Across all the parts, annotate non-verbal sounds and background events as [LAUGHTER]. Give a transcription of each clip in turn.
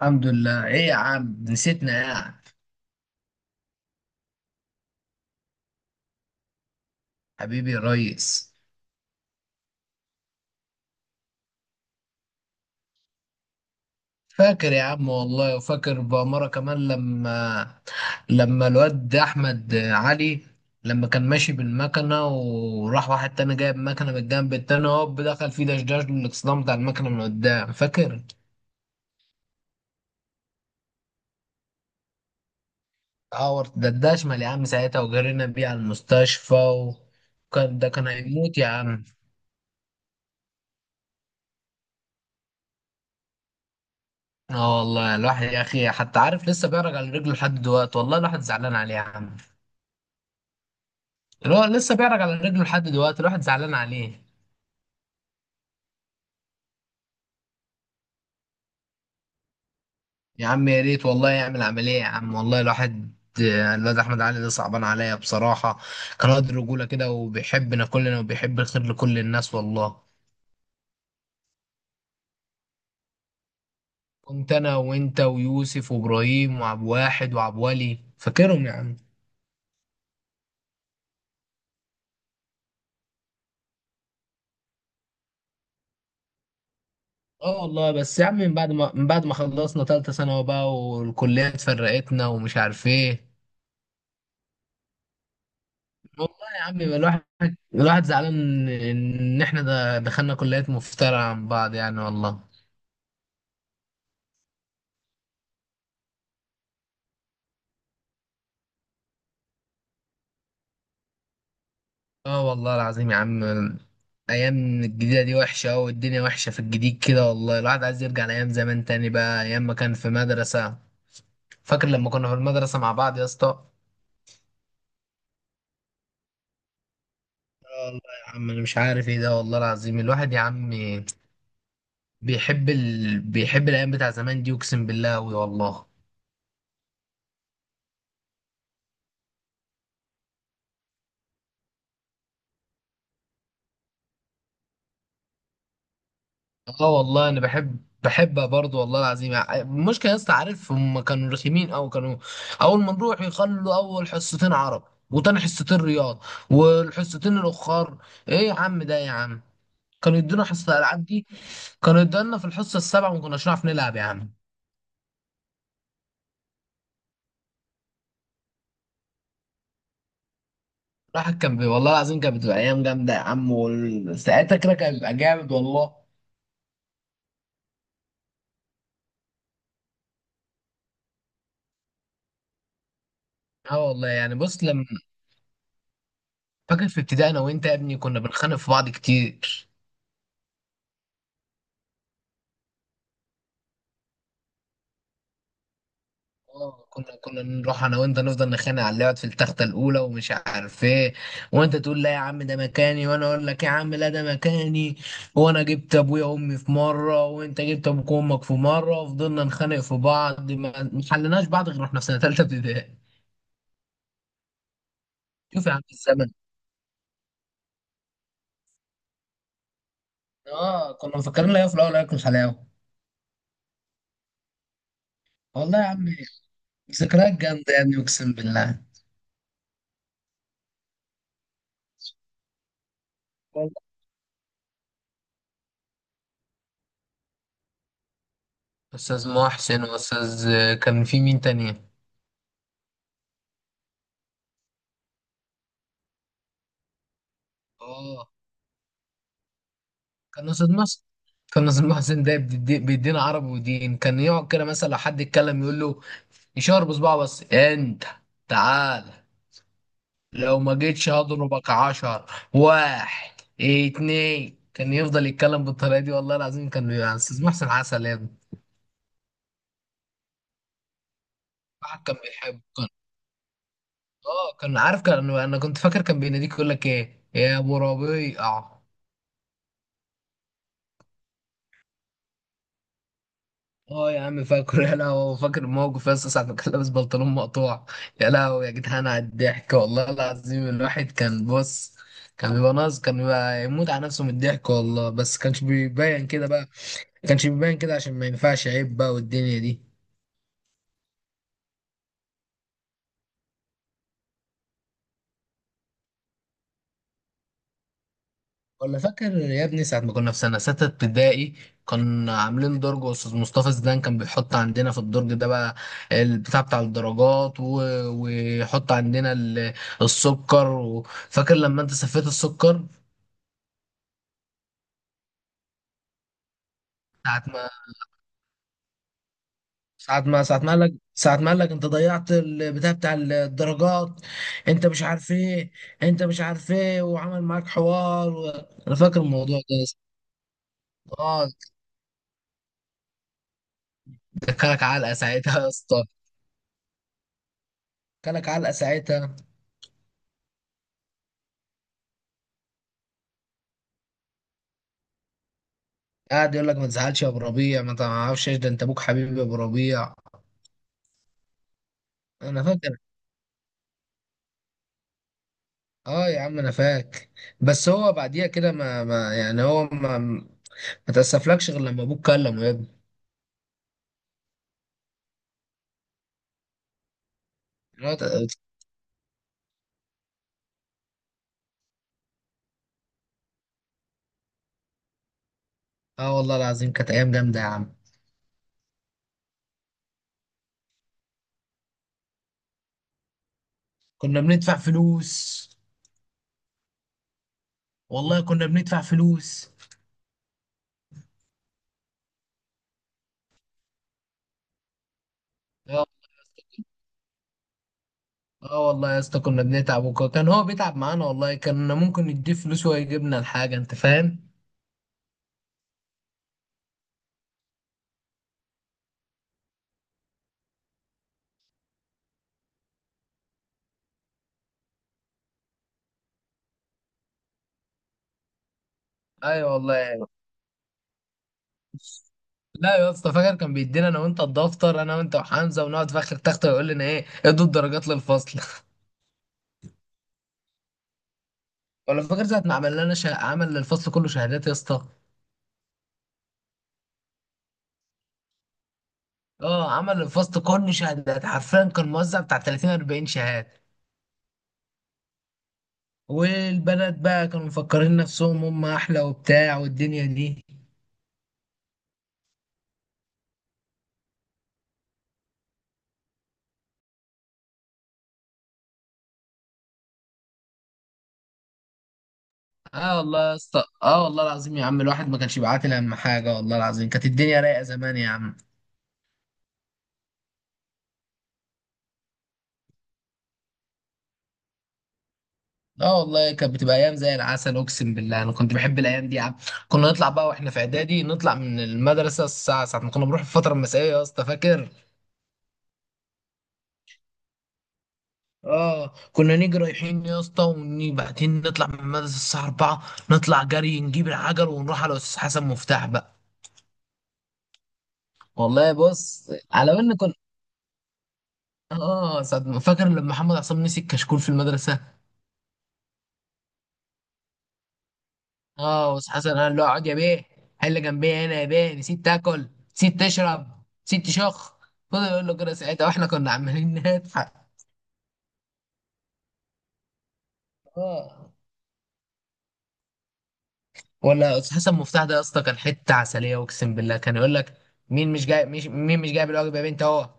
الحمد لله. ايه يا عم، نسيتنا يا عم. حبيبي يا ريس. فاكر يا عم والله، وفاكر بأمارة كمان لما الواد أحمد علي، لما كان ماشي بالمكنة وراح واحد تاني جايب مكنة من الجنب التاني هوب دخل فيه دشداش للإكسدام بتاع المكنة من قدام، فاكر؟ عور ده اشمل يا عم ساعتها، وجرينا بيه على المستشفى وكان ده كان هيموت يا عم. اه والله الواحد يا اخي، حتى عارف لسه بيرجع على رجله لحد دلوقتي، والله الواحد زعلان عليه يا عم. اللي هو لسه بيعرج على رجله لحد دلوقتي، الواحد زعلان عليه. يا عم يا ريت والله يعمل عملية يا عم، والله الواحد الواد احمد علي ده صعبان عليا بصراحة. كان قد رجولة كده وبيحبنا كلنا وبيحب الخير لكل الناس والله. كنت انا وانت ويوسف وابراهيم وعبد واحد وعبد ولي، فاكرهم يا عم. اه والله بس يا عم، من بعد ما خلصنا تالتة ثانوي بقى والكلية اتفرقتنا ومش عارف ايه. والله يا عم يبقى الواحد زعلان ان احنا ده دخلنا كليات مفترعة عن بعض يعني والله. اه والله العظيم يا عم. ايام الجديدة دي وحشة أوي والدنيا وحشة في الجديد كده، والله الواحد عايز يرجع لايام زمان تاني بقى، ايام ما كان في مدرسة. فاكر لما كنا في المدرسة مع بعض يا اسطى؟ آه والله. يا عم انا مش عارف ايه ده، والله العظيم الواحد يا عم بيحب الايام بتاع زمان دي اقسم بالله أوي والله. اه والله انا بحب، برضه والله العظيم. المشكله يا اسطى، عارف هم كانوا رخيمين او كانوا، اول ما نروح يخلوا اول حصتين عرب وتاني حصتين رياض والحصتين الاخر ايه يا عم ده يا عم كانوا يدونا حصه الالعاب دي. كانوا يدونا في الحصه السابعه وما كناش نعرف نلعب يا عم. الواحد والله العظيم كانت بتبقى ايام جامده يا عم، وساعتها كده كان بيبقى جامد والله. اه والله يعني بص لما، فاكر في ابتدائي انا وانت يا ابني كنا بنخانق في بعض كتير. اه كنا نروح انا وانت نفضل نخانق على اللي يقعد في التخته الاولى ومش عارف ايه، وانت تقول لا يا عم ده مكاني وانا اقول لك يا عم لا ده مكاني، وانا جبت ابويا وامي في مره وانت جبت ابوك وامك في مره وفضلنا نخانق في بعض ما حلناش بعض غير واحنا في سنه ثالثه ابتدائي. شوف يا عم الزمن. اه كنا مفكرين لا في الاول هياكل حلاوه. والله يا عم. ذكريات جامده يا ابني اقسم بالله. والله. استاذ محسن واستاذ كان في مين تاني؟ اه كان ناصر مصر، كان ناصر محسن ده بيدينا عربي ودين. كان يقعد كده مثلا لو حد يتكلم يقول له، يشاور بصباعه بس، انت تعال لو ما جيتش هضربك عشر. واحد، اتنين. كان يفضل يتكلم بالطريقه دي والله العظيم. كان يعني استاذ محسن عسل يا ابني. الواحد كان بيحبه. كان، اه كان عارف، كان انا كنت فاكر كان بيناديك يقول لك ايه يا ابو ربيع. اه يا عم فاكر، يا لهوي فاكر الموقف يا اسطى، ساعة ما كان لابس بنطلون مقطوع. يا لهوي يا جدعان على الضحك، والله العظيم الواحد كان بص. كان بيبقى يموت على نفسه من الضحك والله، بس كانش بيبين كده بقى. كانش بيبين كده عشان ما ينفعش عيب بقى والدنيا دي. ولا فاكر يا ابني ساعة ما كنا في سنة ستة ابتدائي، كنا عاملين درج وأستاذ مصطفى زيدان كان بيحط عندنا في الدرج ده بقى، البتاع بتاع الدرجات، و... ويحط عندنا ال... السكر. و... فاكر لما أنت سفيت السكر؟ ساعة ما ساعة ما قال لك أنت ضيعت البتاع بتاع الدرجات، أنت مش عارف إيه، وعمل معاك حوار. و... أنا فاكر الموضوع ده. آه، ده كلك علقة ساعتها يا اسطى. كلك علقة ساعتها. قاعد يقول لك ما تزعلش يا ابو ربيع، ما تعرفش إيش ده، انت ابوك حبيبي يا ابو ربيع. انا فاكر. اه يا عم انا فاكر. بس هو بعديها كده ما يعني هو ما تاسفلكش غير لما ابوك كلمه يا ابني. هو تأ- اه والله العظيم كانت ايام جامده يا عم. كنا بندفع فلوس. والله كنا بندفع فلوس. اه. آه والله يا اسطى كنا بنتعب وكان هو بيتعب معانا والله. كان ممكن نديه فلوس ويجيبنا الحاجه، انت فاهم. ايوه والله. لا يا اسطى، فاكر كان بيدينا انا وانت الدفتر، انا وانت وحمزه، ونقعد في اخر تخته ويقول لنا ايه، ادوا الدرجات للفصل [LAUGHS] ولا فاكر ساعه ما عمل للفصل كله شهادات يا اسطى؟ اه عمل للفصل كله شهادات حرفيا، كان موزع بتاع 30 40 شهاده. والبنات بقى كانوا مفكرين نفسهم هم احلى وبتاع والدنيا دي. اه والله يا اسطى، اه والله العظيم يا عم الواحد ما كانش بيعاتل اهم حاجه. والله العظيم كانت الدنيا رايقه زمان يا عم. اه والله كانت بتبقى ايام زي العسل، اقسم بالله انا كنت بحب الايام دي يا عم. كنا نطلع بقى واحنا في اعدادي، نطلع من المدرسه الساعه، ساعه ما كنا بنروح في الفتره المسائيه يا اسطى، فاكر. اه كنا نيجي رايحين يا اسطى وبعدين نطلع من المدرسه الساعه 4. نطلع جري نجيب العجل ونروح على استاذ حسن مفتاح بقى. والله بص على ان كنا، اه ساعة ما- فاكر لما محمد عصام مسك كشكول في المدرسه. اه بس حسن قال له اقعد يا بيه، حل جنبي هنا يا بيه، نسيت تاكل، نسيت تشرب، نسيت تشخ. فضل يقول له كده ساعتها واحنا كنا عمالين [LAUGHS] نضحك. اه، ولا استاذ حسن مفتاح ده يا اسطى كان حته عسليه اقسم بالله. كان يقول لك مين مش جايب الواجب يا بنت اهو،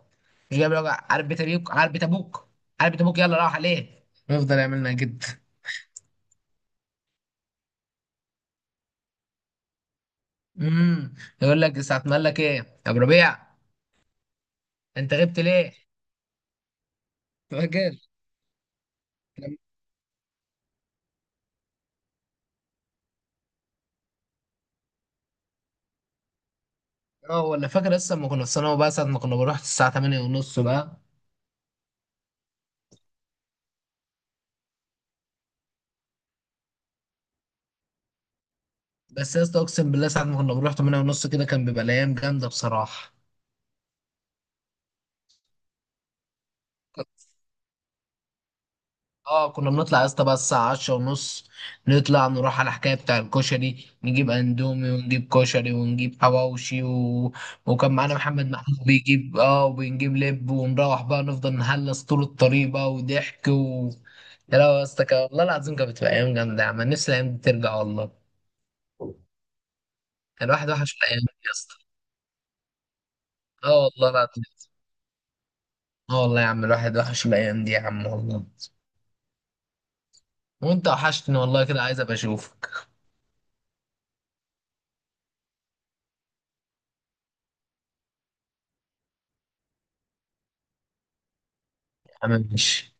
مش جايب الواجب، عارف بيت ابوك، عارف بيت ابوك، عارف بيت ابوك، يلا راح عليه يفضل يعملنا جد. امم يقول لك ساعه ما قال لك ايه يا ابو ربيع، انت غبت ليه؟ فاكر؟ اه، ولا فاكر لسه لما كنا في ثانوي بقى ساعة ما كنا بنروح الساعة 8 ونص بقى؟ بس يا اسطى اقسم بالله ساعة ما كنا بنروح 8 ونص كده كان بيبقى الأيام جامدة بصراحة. كان- اه كنا بنطلع يا اسطى بقى الساعة 10 ونص. نطلع نروح على الحكاية بتاع الكشري، نجيب اندومي ونجيب كشري ونجيب حواوشي. و... وكان معانا محمد محمود بيجيب، اه، وبنجيب لب ونروح بقى نفضل نهلس طول الطريق بقى وضحك. و... يا لهوي يا اسطى والله العظيم كانت بتبقى أيام جامدة يا عم، نفسي الأيام دي ترجع والله. كان الواحد وحش الأيام دي يا اسطى. اه والله لا. اه والله يا عم الواحد وحش الايام دي يا عم والله. وانت وحشتني والله، كده عايز ابقى اشوفك. يا عم ماشي.